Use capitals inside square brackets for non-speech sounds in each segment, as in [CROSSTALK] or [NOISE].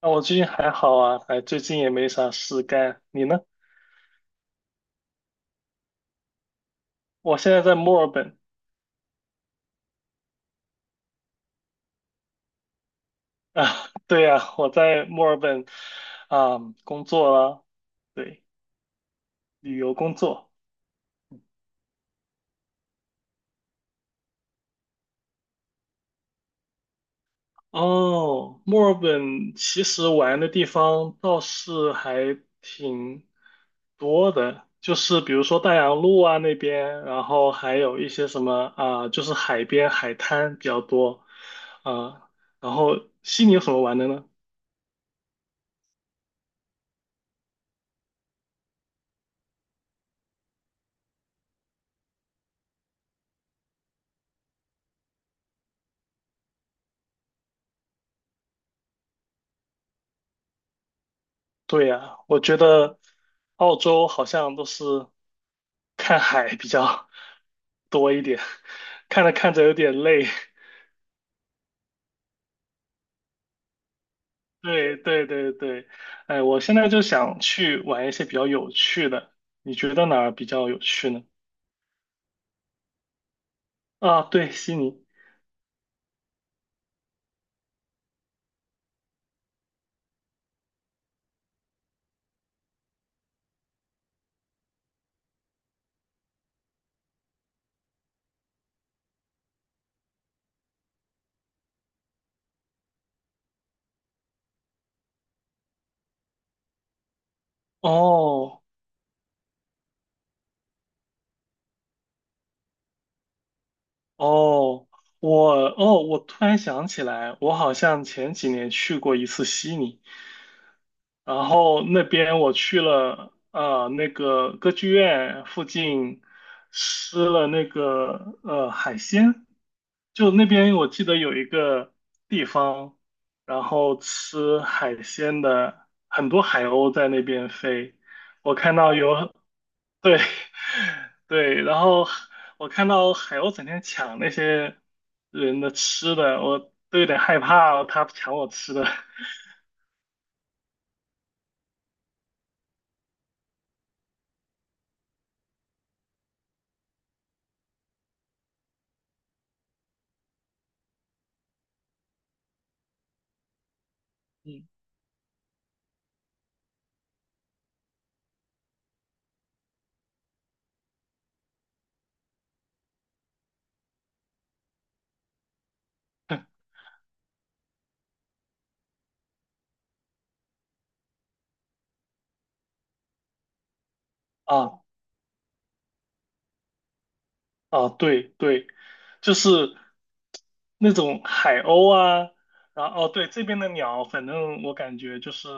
啊，我最近还好啊，哎，最近也没啥事干。你呢？我现在在墨尔本。啊，[LAUGHS] 对呀，我在墨尔本啊工作了，对，旅游工作。哦，墨尔本其实玩的地方倒是还挺多的，就是比如说大洋路啊那边，然后还有一些什么啊，就是海边海滩比较多，啊，然后悉尼有什么玩的呢？对呀，我觉得澳洲好像都是看海比较多一点，[LAUGHS] 看着看着有点累。[LAUGHS] 对对对对，哎，我现在就想去玩一些比较有趣的，你觉得哪儿比较有趣呢？啊，对，悉尼。哦哦，我，我突然想起来，我好像前几年去过一次悉尼。然后那边我去了，那个歌剧院附近吃了那个海鲜，就那边我记得有一个地方，然后吃海鲜的，很多海鸥在那边飞，我看到有，对。 [LAUGHS] 对，然后我看到海鸥整天抢那些人的吃的，我都有点害怕，它抢我吃的。[LAUGHS] 嗯，啊，啊，对对，就是那种海鸥啊，然后哦，对，这边的鸟，反正我感觉就是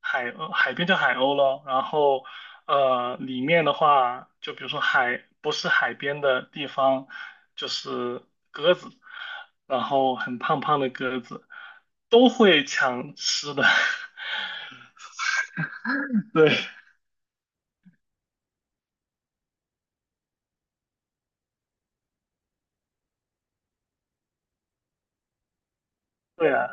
海鸥，海边叫海鸥咯，然后里面的话，就比如说海，不是海边的地方，就是鸽子，然后很胖胖的鸽子都会抢吃的，[LAUGHS] 对对啊，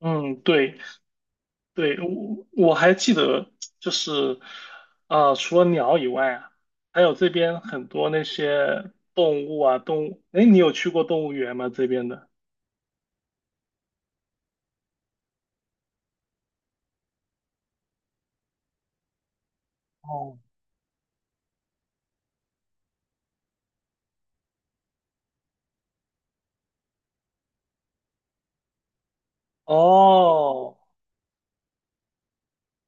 嗯，对。对，我还记得，就是啊，除了鸟以外啊，还有这边很多那些动物啊，动物。哎，你有去过动物园吗？这边的？哦，哦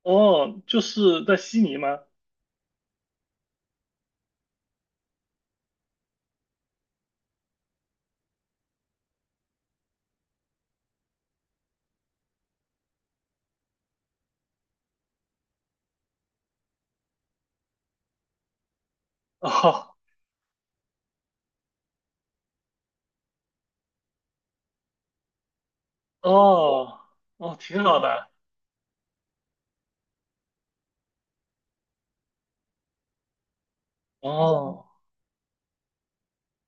哦，就是在悉尼吗？哦哦哦，挺好的。哦，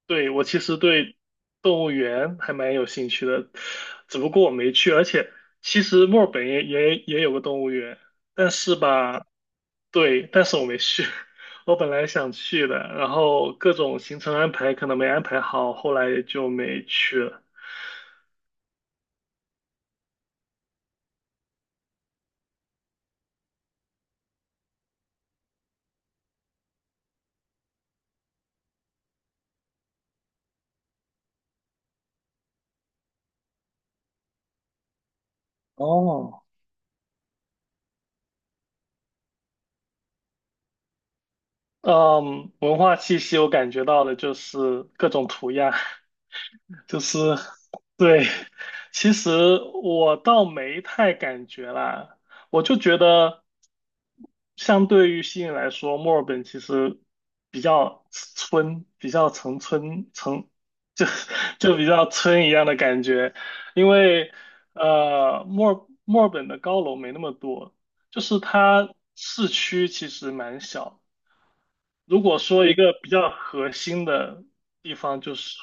对，我其实对动物园还蛮有兴趣的，只不过我没去。而且其实墨尔本也有个动物园，但是吧，对，但是我没去。[LAUGHS] 我本来想去的，然后各种行程安排可能没安排好，后来也就没去了。哦，嗯，文化气息我感觉到的就是各种涂鸦，[LAUGHS] 就是对，其实我倒没太感觉啦，我就觉得相对于悉尼来说，墨尔本其实比较村，比较城村城，就就比较村一样的感觉，因为墨尔本的高楼没那么多，就是它市区其实蛮小。如果说一个比较核心的地方，就是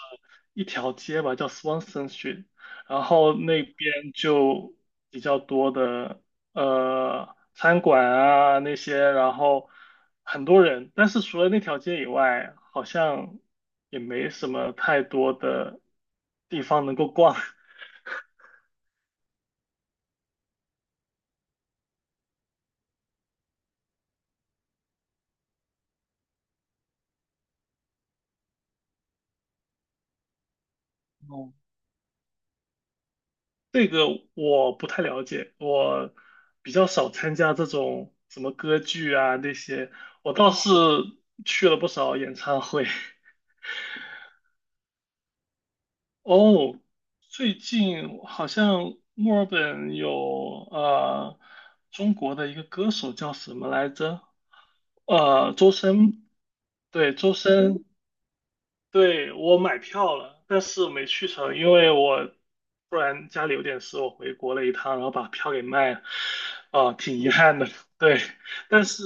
一条街吧，叫 Swanson Street，然后那边就比较多的餐馆啊那些，然后很多人，但是除了那条街以外，好像也没什么太多的地方能够逛。[LAUGHS] 哦，这个我不太了解，我比较少参加这种什么歌剧啊那些，我倒是去了不少演唱会。[LAUGHS] 哦，最近好像墨尔本有中国的一个歌手叫什么来着？周深，对，周深。对，我买票了，但是没去成，因为我突然家里有点事，我回国了一趟，然后把票给卖了，啊、挺遗憾的。[LAUGHS] 对，但是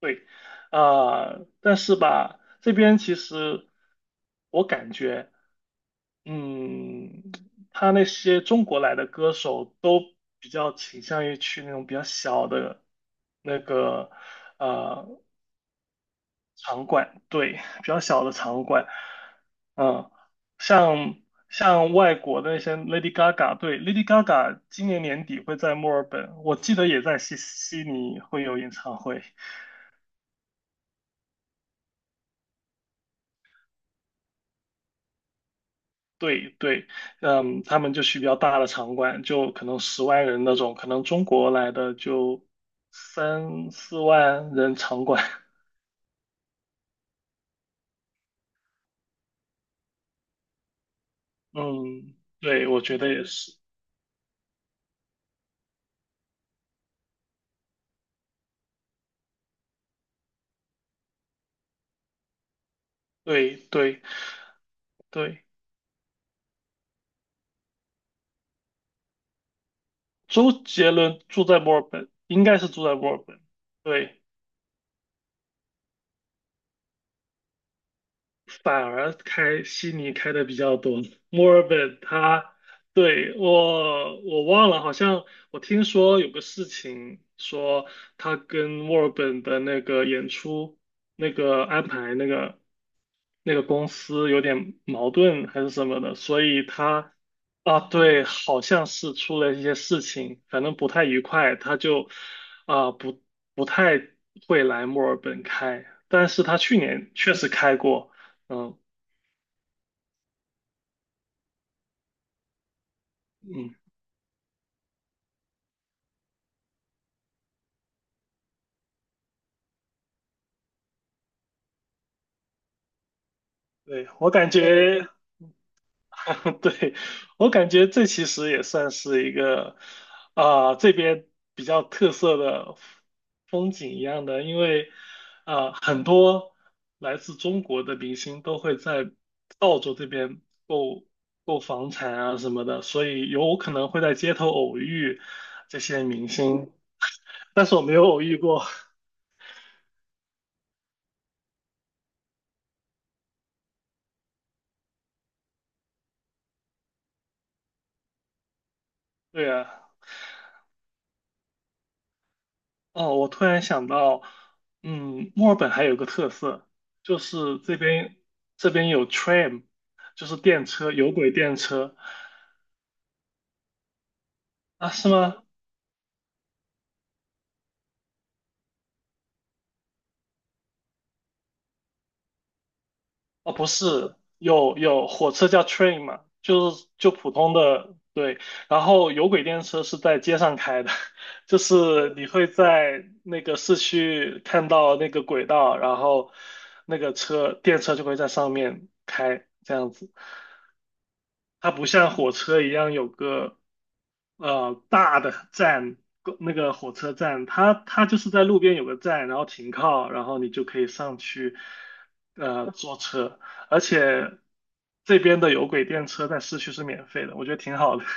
对，啊、但是吧，这边其实我感觉，嗯，他那些中国来的歌手都比较倾向于去那种比较小的那个。呃场馆，对，比较小的场馆，嗯，像像外国的那些 Lady Gaga，对，Lady Gaga 今年年底会在墨尔本，我记得也在悉尼会有演唱会，对对，嗯，他们就去比较大的场馆，就可能十万人那种，可能中国来的就三四万人场馆，[LAUGHS] 嗯，对，我觉得也是，对对。对，周杰伦住在墨尔本，应该是住在墨尔本。对，反而开悉尼开的比较多，墨尔本它对，我忘了，好像我听说有个事情，说它跟墨尔本的那个演出那个安排那个公司有点矛盾还是什么的，所以它啊对，好像是出了一些事情，反正不太愉快，他就啊不不太会来墨尔本开，但是他去年确实开过。嗯嗯，对，我感觉，[LAUGHS] 对，我感觉这其实也算是一个，啊、这边比较特色的风景一样的，因为，啊、很多来自中国的明星都会在澳洲这边购购房产啊什么的，所以有可能会在街头偶遇这些明星，但是我没有偶遇过，[LAUGHS] 对啊。哦，我突然想到，嗯，墨尔本还有个特色，就是这边有 t r a i n 就是电车，有轨电车。啊，是吗？哦，不是，有有火车叫 train 嘛，就是就普通的，对，然后有轨电车是在街上开的，[LAUGHS] 就是你会在那个市区看到那个轨道，然后那个车电车就会在上面开，这样子。它不像火车一样有个大的站，公那个火车站，它它就是在路边有个站，然后停靠，然后你就可以上去坐车，而且这边的有轨电车在市区是免费的，我觉得挺好的。[LAUGHS]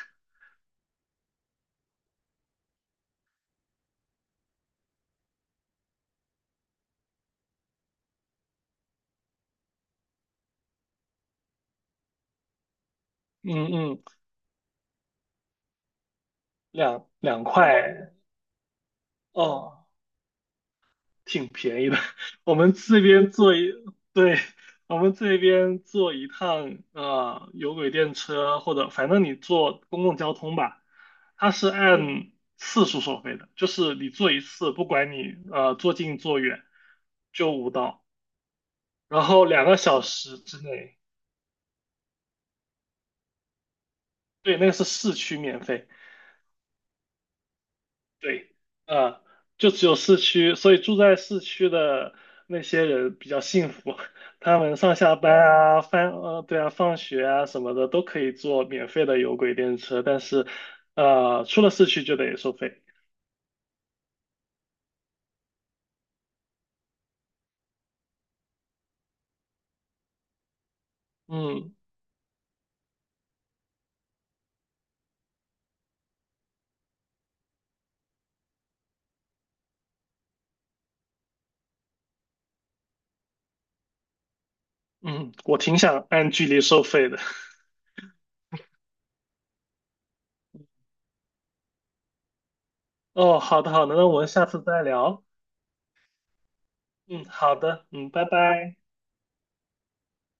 嗯嗯，两块哦。挺便宜的。[LAUGHS] 我们这边坐一，对，我们这边坐一趟有轨电车或者反正你坐公共交通吧，它是嗯按次数收费的，就是你坐一次，不管你坐近坐远，就五刀，然后两个小时之内，对，那个是市区免费。对，啊，就只有市区，所以住在市区的那些人比较幸福，[LAUGHS] 他们上下班啊、翻对啊、放学啊什么的都可以坐免费的有轨电车，但是出了市区就得收费。嗯嗯，我挺想按距离收费的。[LAUGHS] 哦，好的好的，那我们下次再聊。嗯，好的，嗯，拜拜。